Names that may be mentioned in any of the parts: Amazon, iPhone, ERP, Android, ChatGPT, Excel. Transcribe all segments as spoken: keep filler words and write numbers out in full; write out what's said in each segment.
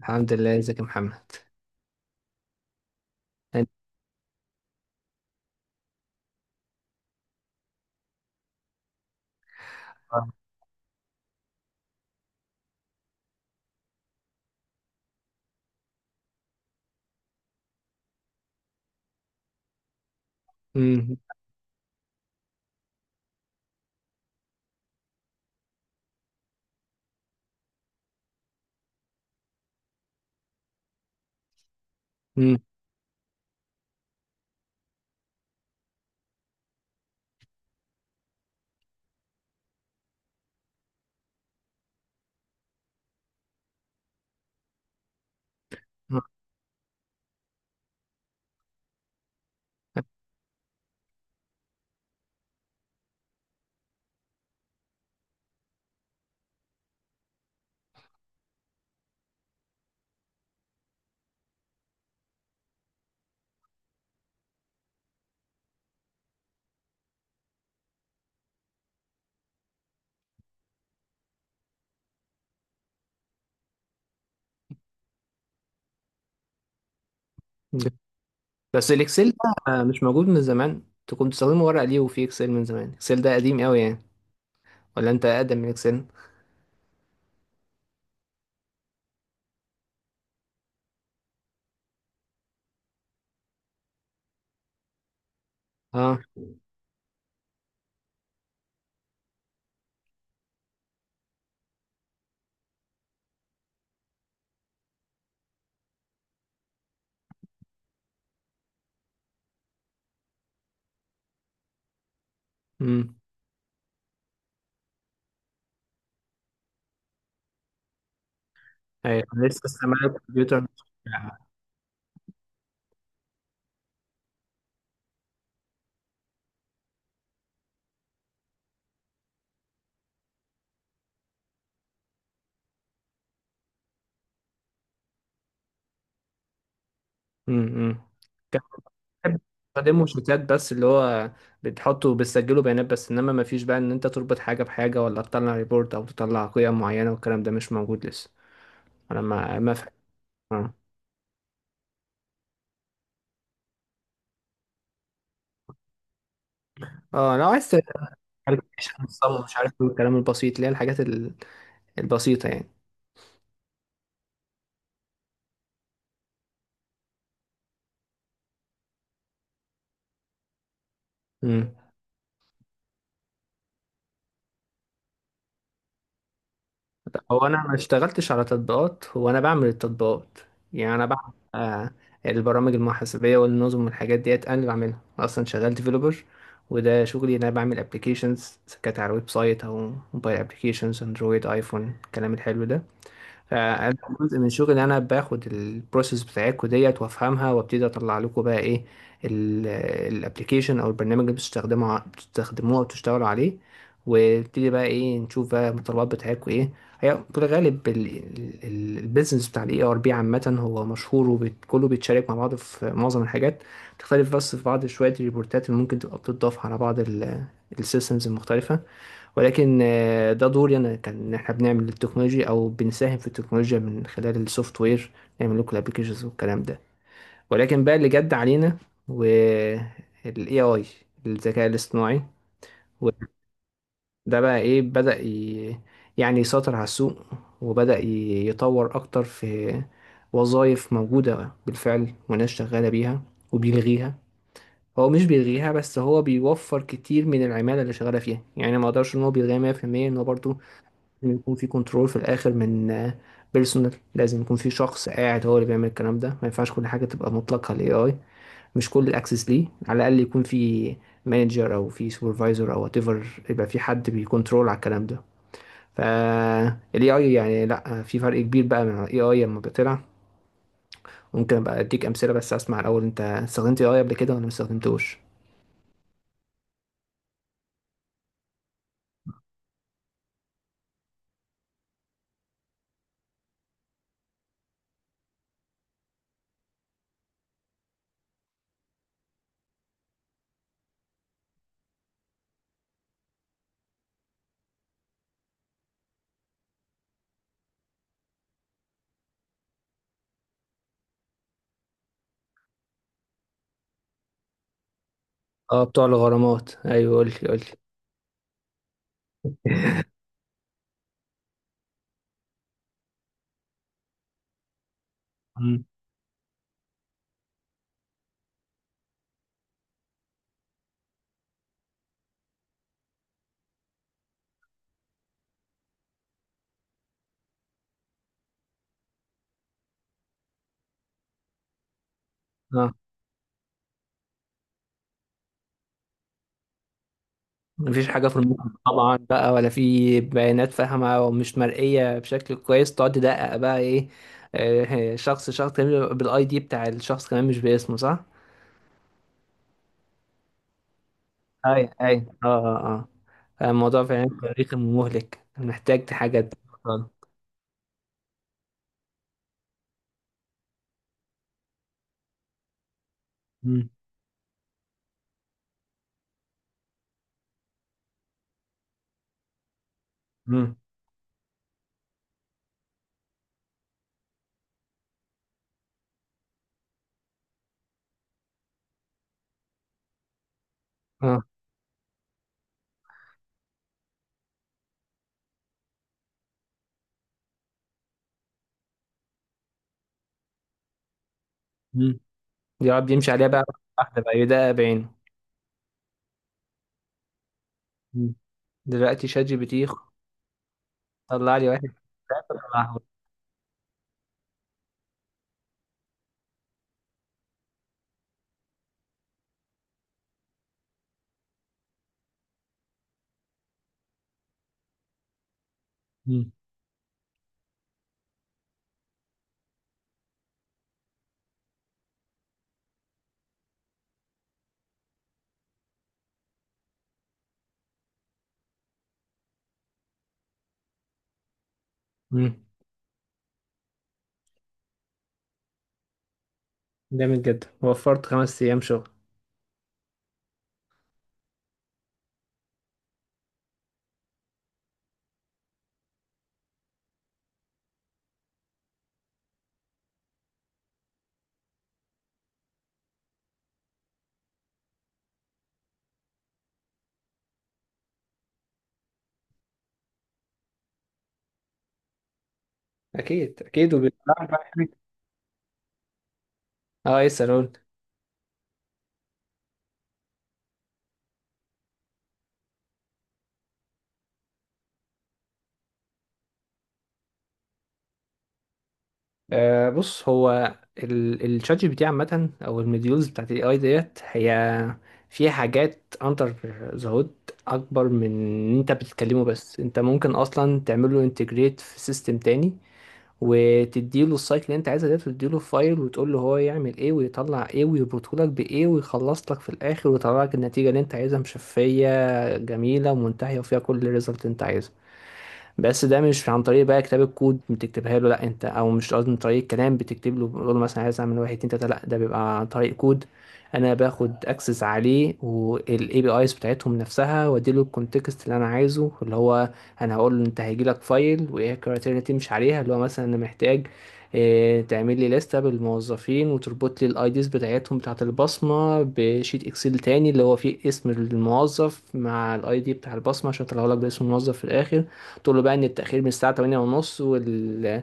الحمد لله، ازيك يا محمد؟ انت. مم. مم. بس الاكسل ده مش موجود من زمان؟ انت كنت بتستخدمه ورقه ليه وفي اكسل من زمان؟ اكسل ده قديم قوي يعني، ولا انت اقدم من اكسل؟ اه. امم. ايوه، أنا لسه استعمال الكمبيوتر. امم. كان بحب استخدمه شيتات بس، اللي هو بتحطه وبتسجله بيانات بس، انما ما فيش بقى ان انت تربط حاجه بحاجه ولا تطلع ريبورت او تطلع قيم معينه، والكلام ده مش موجود لسه. انا ما ما فاهم. اه. آه، لو عايز. عارف عشان الصم مش عارف ايه الكلام البسيط، اللي هي الحاجات ال- البسيطة يعني. امم. هو انا ما اشتغلتش على تطبيقات، هو انا بعمل التطبيقات. يعني انا بعمل آه البرامج المحاسبية والنظم والحاجات ديت انا اللي بعملها، اصلا شغال ديفلوبر. وده شغلي، إن انا بعمل ابلكيشنز كانت على ويب سايت او موبايل ابلكيشنز، اندرويد، ايفون، الكلام الحلو ده. آه، أنا جزء من شغلي إن انا باخد البروسيس بتاعتكم ديت وافهمها، وابتدي اطلع لكم بقى ايه الابلكيشن او البرنامج اللي بتستخدموه بتستخدموه وبتشتغلوا عليه. وابتدي بقى ايه، نشوف بقى المتطلبات بتاعتكم ايه. هي في الغالب البيزنس بتاع الاي ار بي عامه هو مشهور، وكله بيتشارك مع بعض في معظم الحاجات. تختلف بس في بعض شويه الريبورتات اللي ممكن تبقى بتضاف على بعض السيستمز المختلفه. ولكن آه، ده دوري انا كان، إن احنا بنعمل التكنولوجيا او بنساهم في التكنولوجيا من خلال السوفت وير، نعمل لكم الابلكيشنز والكلام ده. ولكن بقى اللي جد علينا، والاي اي، الذكاء الاصطناعي، وده بقى ايه، بدأ ي... يعني يسيطر على السوق، وبدأ ي- يطور اكتر في وظائف موجودة بالفعل وناس شغالة بيها، وبيلغيها. هو مش بيلغيها بس، هو بيوفر كتير من العمالة اللي شغالة فيها، يعني ما اقدرش ان هو بيلغيها مية بالمية. ان هو برضه لازم يكون في كنترول في الاخر من بيرسونال، لازم يكون في شخص قاعد هو اللي بيعمل الكلام ده، ما ينفعش كل حاجه تبقى مطلقه للاي اي، مش كل الاكسس ليه، على الاقل يكون في مانجر او في سوبرفايزر او وات ايفر، يبقى في حد بيكونترول على الكلام ده. فالاي اي يعني، لا، في فرق كبير بقى من الاي اي لما بطلع. ممكن ابقى اديك امثله، بس اسمع الاول، انت استخدمت اي اي قبل كده ولا ما استخدمتوش؟ اه، بتوع الغرامات، ايوه قول لي. قول لي مفيش حاجة في المخ طبعا بقى، ولا في بيانات فاهمة ومش مرئية بشكل كويس، تقعد تدقق بقى ايه. آه، شخص شخص كمان، بالاي دي بتاع الشخص كمان مش باسمه، صح؟ اي اي. اه اه. اه، الموضوع فعلا تاريخي مهلك، محتاج حاجة. امم. امم. اه. امم. يقعد يمشي عليها بقى واحدة بقى، يدقق بعينه. مم. دلوقتي شات جي بي تي طلع لي واحد. طلعه. مم. مم. جامد جدا، وفرت خمس ايام شغل. اكيد اكيد، وبيطلع. اه، يسأل، قول. آه بص، هو ال- الشات جي بي تي عامة او المديولز بتاعت الاي اي ديت، هي فيها حاجات اندر ذا هود اكبر من ان انت بتتكلمه بس. انت ممكن اصلا تعمله انتجريت في سيستم تاني، وتديله السايكل اللي انت عايزها ديت، وتديله فايل وتقول له هو يعمل ايه ويطلع ايه ويربطهولك بايه، ويخلص لك في الاخر ويطلع لك النتيجة اللي انت عايزها، مشفية جميلة ومنتهية وفيها كل الريزلت انت عايزها. بس ده مش عن طريق بقى كتاب الكود، بتكتبها له، لا انت، او مش قصدي، من طريق الكلام بتكتب له، بتقول له مثلا عايز اعمل واحد اتنين تلاته، لا، ده بيبقى عن طريق كود. انا باخد اكسس عليه والاي بي ايز بتاعتهم نفسها، واديله الكونتكست اللي انا عايزه، اللي هو انا هقول له انت هيجي لك فايل، وايه الكرايتيريا اللي تمشي عليها، اللي هو مثلا انا محتاج اه، تعمل لي لستة بالموظفين وتربط لي الاي ديز بتاعتهم بتاعت البصمة بشيت اكسل تاني، اللي هو فيه اسم الموظف مع الاي دي بتاع البصمة، عشان اطلعه لك باسم الموظف في الاخر. قلت له بقى ان التأخير من الساعة تمانية ونص، وال...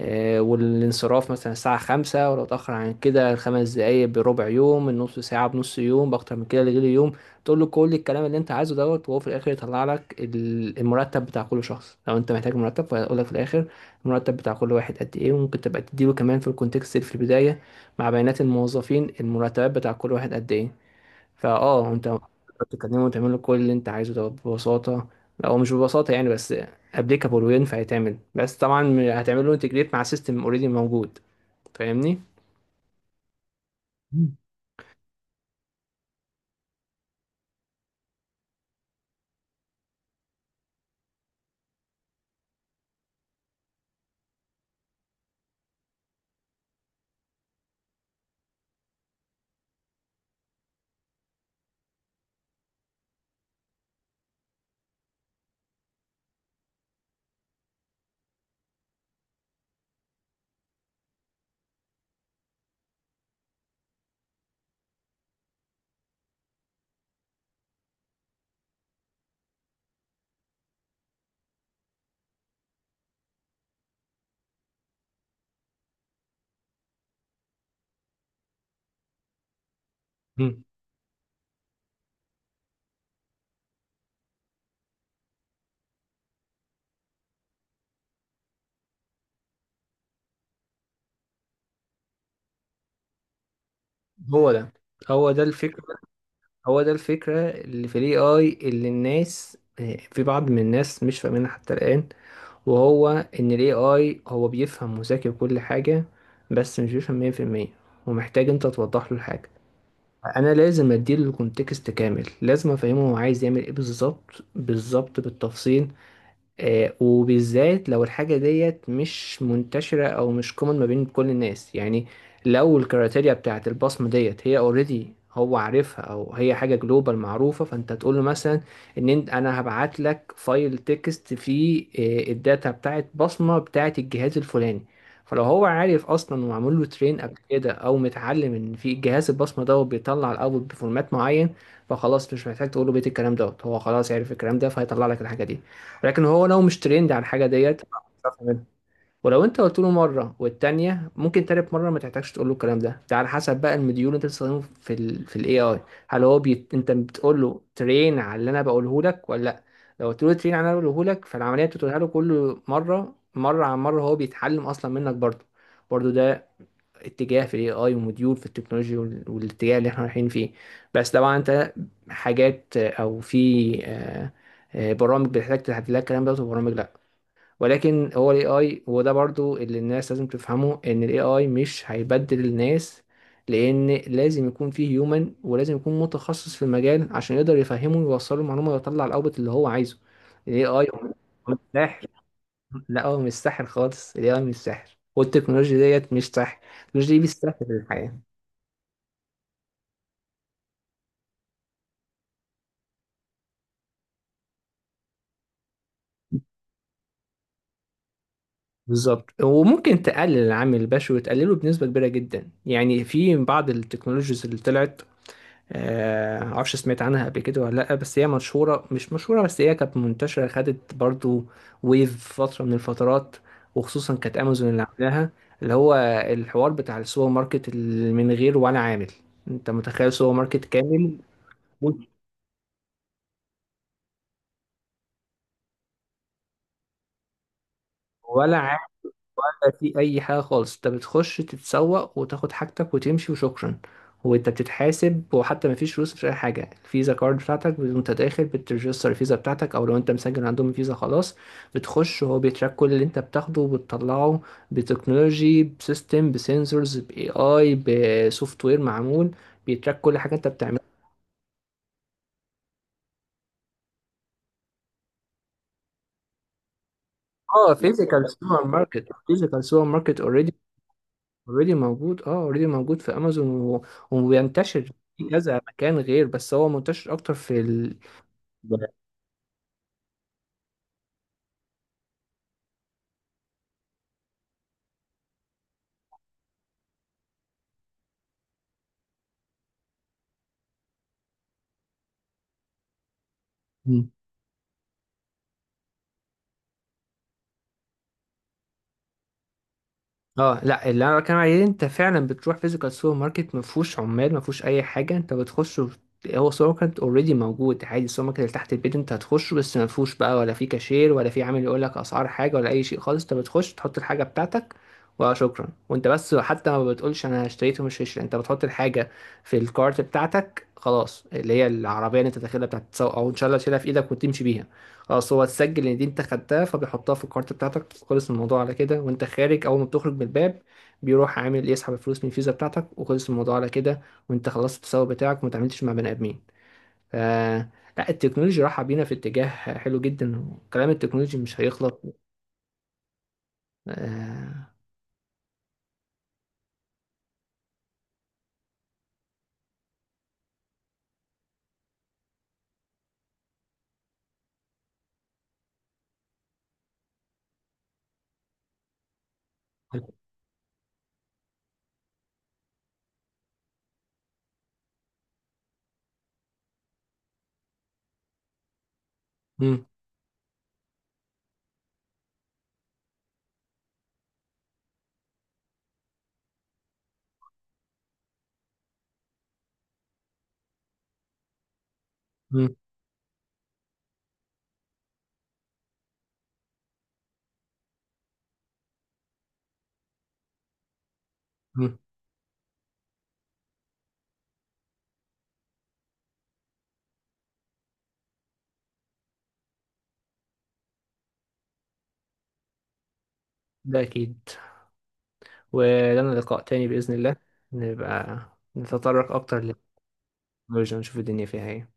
آه، والانصراف مثلا الساعة خمسة، ولو اتأخر عن كده خمس دقايق بربع يوم، النص ساعة بنص يوم، بأكتر من كده لغير يوم. تقول له كل الكلام اللي انت عايزه دوت، وهو في الاخر يطلع لك ال- المرتب بتاع كل شخص. لو انت محتاج مرتب، فهيقول لك في الاخر المرتب بتاع كل واحد قد ايه. وممكن تبقى تديله كمان في الكونتكست اللي في البداية مع بيانات الموظفين، المرتبات بتاع كل واحد قد ايه. فاه انت بتكلمه وتعمل له كل اللي انت عايزه ده ببساطه، او مش ببساطه يعني، بس ابليكابل وينفع يتعمل. بس طبعا هتعمل له انتجريت مع سيستم اوريدي موجود، فاهمني؟ مم. مم. هو ده، هو ده الفكرة، هو ده الفكرة اللي في الاي اي اللي الناس، في بعض من الناس مش فاهمينها حتى الآن، وهو ان الاي اي هو بيفهم وذكي وكل حاجة، بس مش بيفهم مية في المية، ومحتاج انت توضح له الحاجة. انا لازم اديله الكونتكست كامل، لازم افهمه هو عايز يعمل ايه بالظبط، بالظبط بالتفصيل. آه، وبالذات لو الحاجة ديت مش منتشرة أو مش كومن ما بين كل الناس يعني. لو الكريتيريا بتاعت البصمة ديت هي اوريدي هو عارفها، أو هي حاجة جلوبال معروفة، فأنت تقول له مثلا إن أنت، أنا هبعت لك فايل تكست فيه آه، الداتا بتاعت بصمة بتاعت الجهاز الفلاني. فلو هو عارف أصلا ومعمول له ترين قبل كده، أو متعلم إن في جهاز البصمة ده بيطلع الأوت بفورمات معين، فخلاص مش محتاج تقول له بيت الكلام دوت، هو خلاص عارف الكلام ده، فهيطلع لك الحاجة دي. لكن هو لو مش ترند عن حاجة ديت، مش هيعرف يعملها. ولو انت قلت له مرة والتانية، ممكن تالت مرة ما تحتاجش تقول له الكلام ده، ده على حسب بقى المديول اللي انت بتستخدمه في ال في الاي اي، هل هو بيت... انت بتقول له ترين على اللي انا بقوله لك، ولا لا. لو قلت له ترين على اللي انا بقوله لك، فالعملية بتقولها له كل مرة، مرة عن مرة هو بيتعلم اصلا منك برضه. برضه ده اتجاه في الاي اي وموديول في التكنولوجيا وال- والاتجاه اللي احنا رايحين فيه. بس طبعا انت حاجات، او في آه، آه، برامج بتحتاج تحدد لها الكلام ده، وبرامج لا. ولكن هو الاي اي، وده برضو اللي الناس لازم تفهمه، ان الاي اي مش هيبدل الناس، لان لازم يكون فيه هيومن، ولازم يكون متخصص في المجال عشان يقدر يفهمه ويوصله المعلومه ويطلع الاوبت اللي هو عايزه. الاي اي هو مش فلاح، لا، هو مش ساحر خالص، ال اي اي مش ساحر، والتكنولوجيا ديت مش ساحر. التكنولوجيا دي بتسهل الحياة. بالظبط، وممكن تقلل العامل البشري وتقلله بنسبة كبيرة جدا يعني. في بعض التكنولوجيز اللي طلعت، آه، معرفش سمعت عنها قبل كده ولا لأ، بس هي مشهورة، مش مشهورة بس هي كانت منتشرة، خدت برضو ويف فترة من الفترات، وخصوصا كانت أمازون اللي عاملاها، اللي هو الحوار بتاع السوبر ماركت اللي من غير ولا عامل. انت متخيل سوبر ماركت كامل؟ ولا ولا في اي حاجه خالص، انت بتخش تتسوق وتاخد حاجتك وتمشي، وشكرا. وانت بتتحاسب، وحتى ما فيش فلوس، مفيش اي حاجه، الفيزا كارد بتاعتك وانت داخل بترجستر الفيزا بتاعتك، او لو انت مسجل عندهم الفيزا خلاص، بتخش وهو بيتراك كل اللي انت بتاخده وبتطلعه. بتكنولوجي، بسيستم، بسنسورز، باي اي، بسوفت وير معمول، بيتراك كل حاجه انت بتعملها. اه، فيزيكال سوبر ماركت، فيزيكال سوبر ماركت اوريدي اوريدي موجود. اه، اوريدي موجود في امازون، و... وبينتشر في كذا مكان غير، بس هو منتشر اكتر في ال... ده. اه لا، اللي انا بتكلم عليه انت فعلا بتروح فيزيكال سوبر ماركت ما فيهوش عمال، ما فيهوش اي حاجه، انت بتخش وت- هو سوبر ماركت اوريدي موجود عادي، السوبر ماركت اللي تحت البيت انت هتخشه، بس ما فيهوش بقى ولا في كاشير ولا في عامل يقول لك اسعار حاجه ولا اي شيء خالص، انت بتخش تحط الحاجه بتاعتك وشكرا. وانت بس حتى ما بتقولش انا اشتريت ومش هشتري، انت بتحط الحاجه في الكارت بتاعتك خلاص، اللي هي العربيه اللي انت داخلها بتاعت التسوق، او ان شاء الله تشيلها في ايدك وتمشي بيها. اه اصل هو تسجل ان دي انت خدتها، فبيحطها في الكارت بتاعتك، خلص الموضوع على كده. وانت خارج، اول ما بتخرج من الباب، بيروح عامل يسحب الفلوس من الفيزا بتاعتك، وخلص الموضوع على كده، وانت خلصت التسوق بتاعك وما تعاملتش مع بني ادمين. ف لا، التكنولوجيا رايحه بينا في اتجاه حلو جدا، وكلام التكنولوجي مش هيخلط. آه... مم. مم. مم. ده اكيد، ولنا لقاء تاني باذن الله، نبقى نتطرق اكتر للتكنولوجيا ونشوف الدنيا فيها ايه.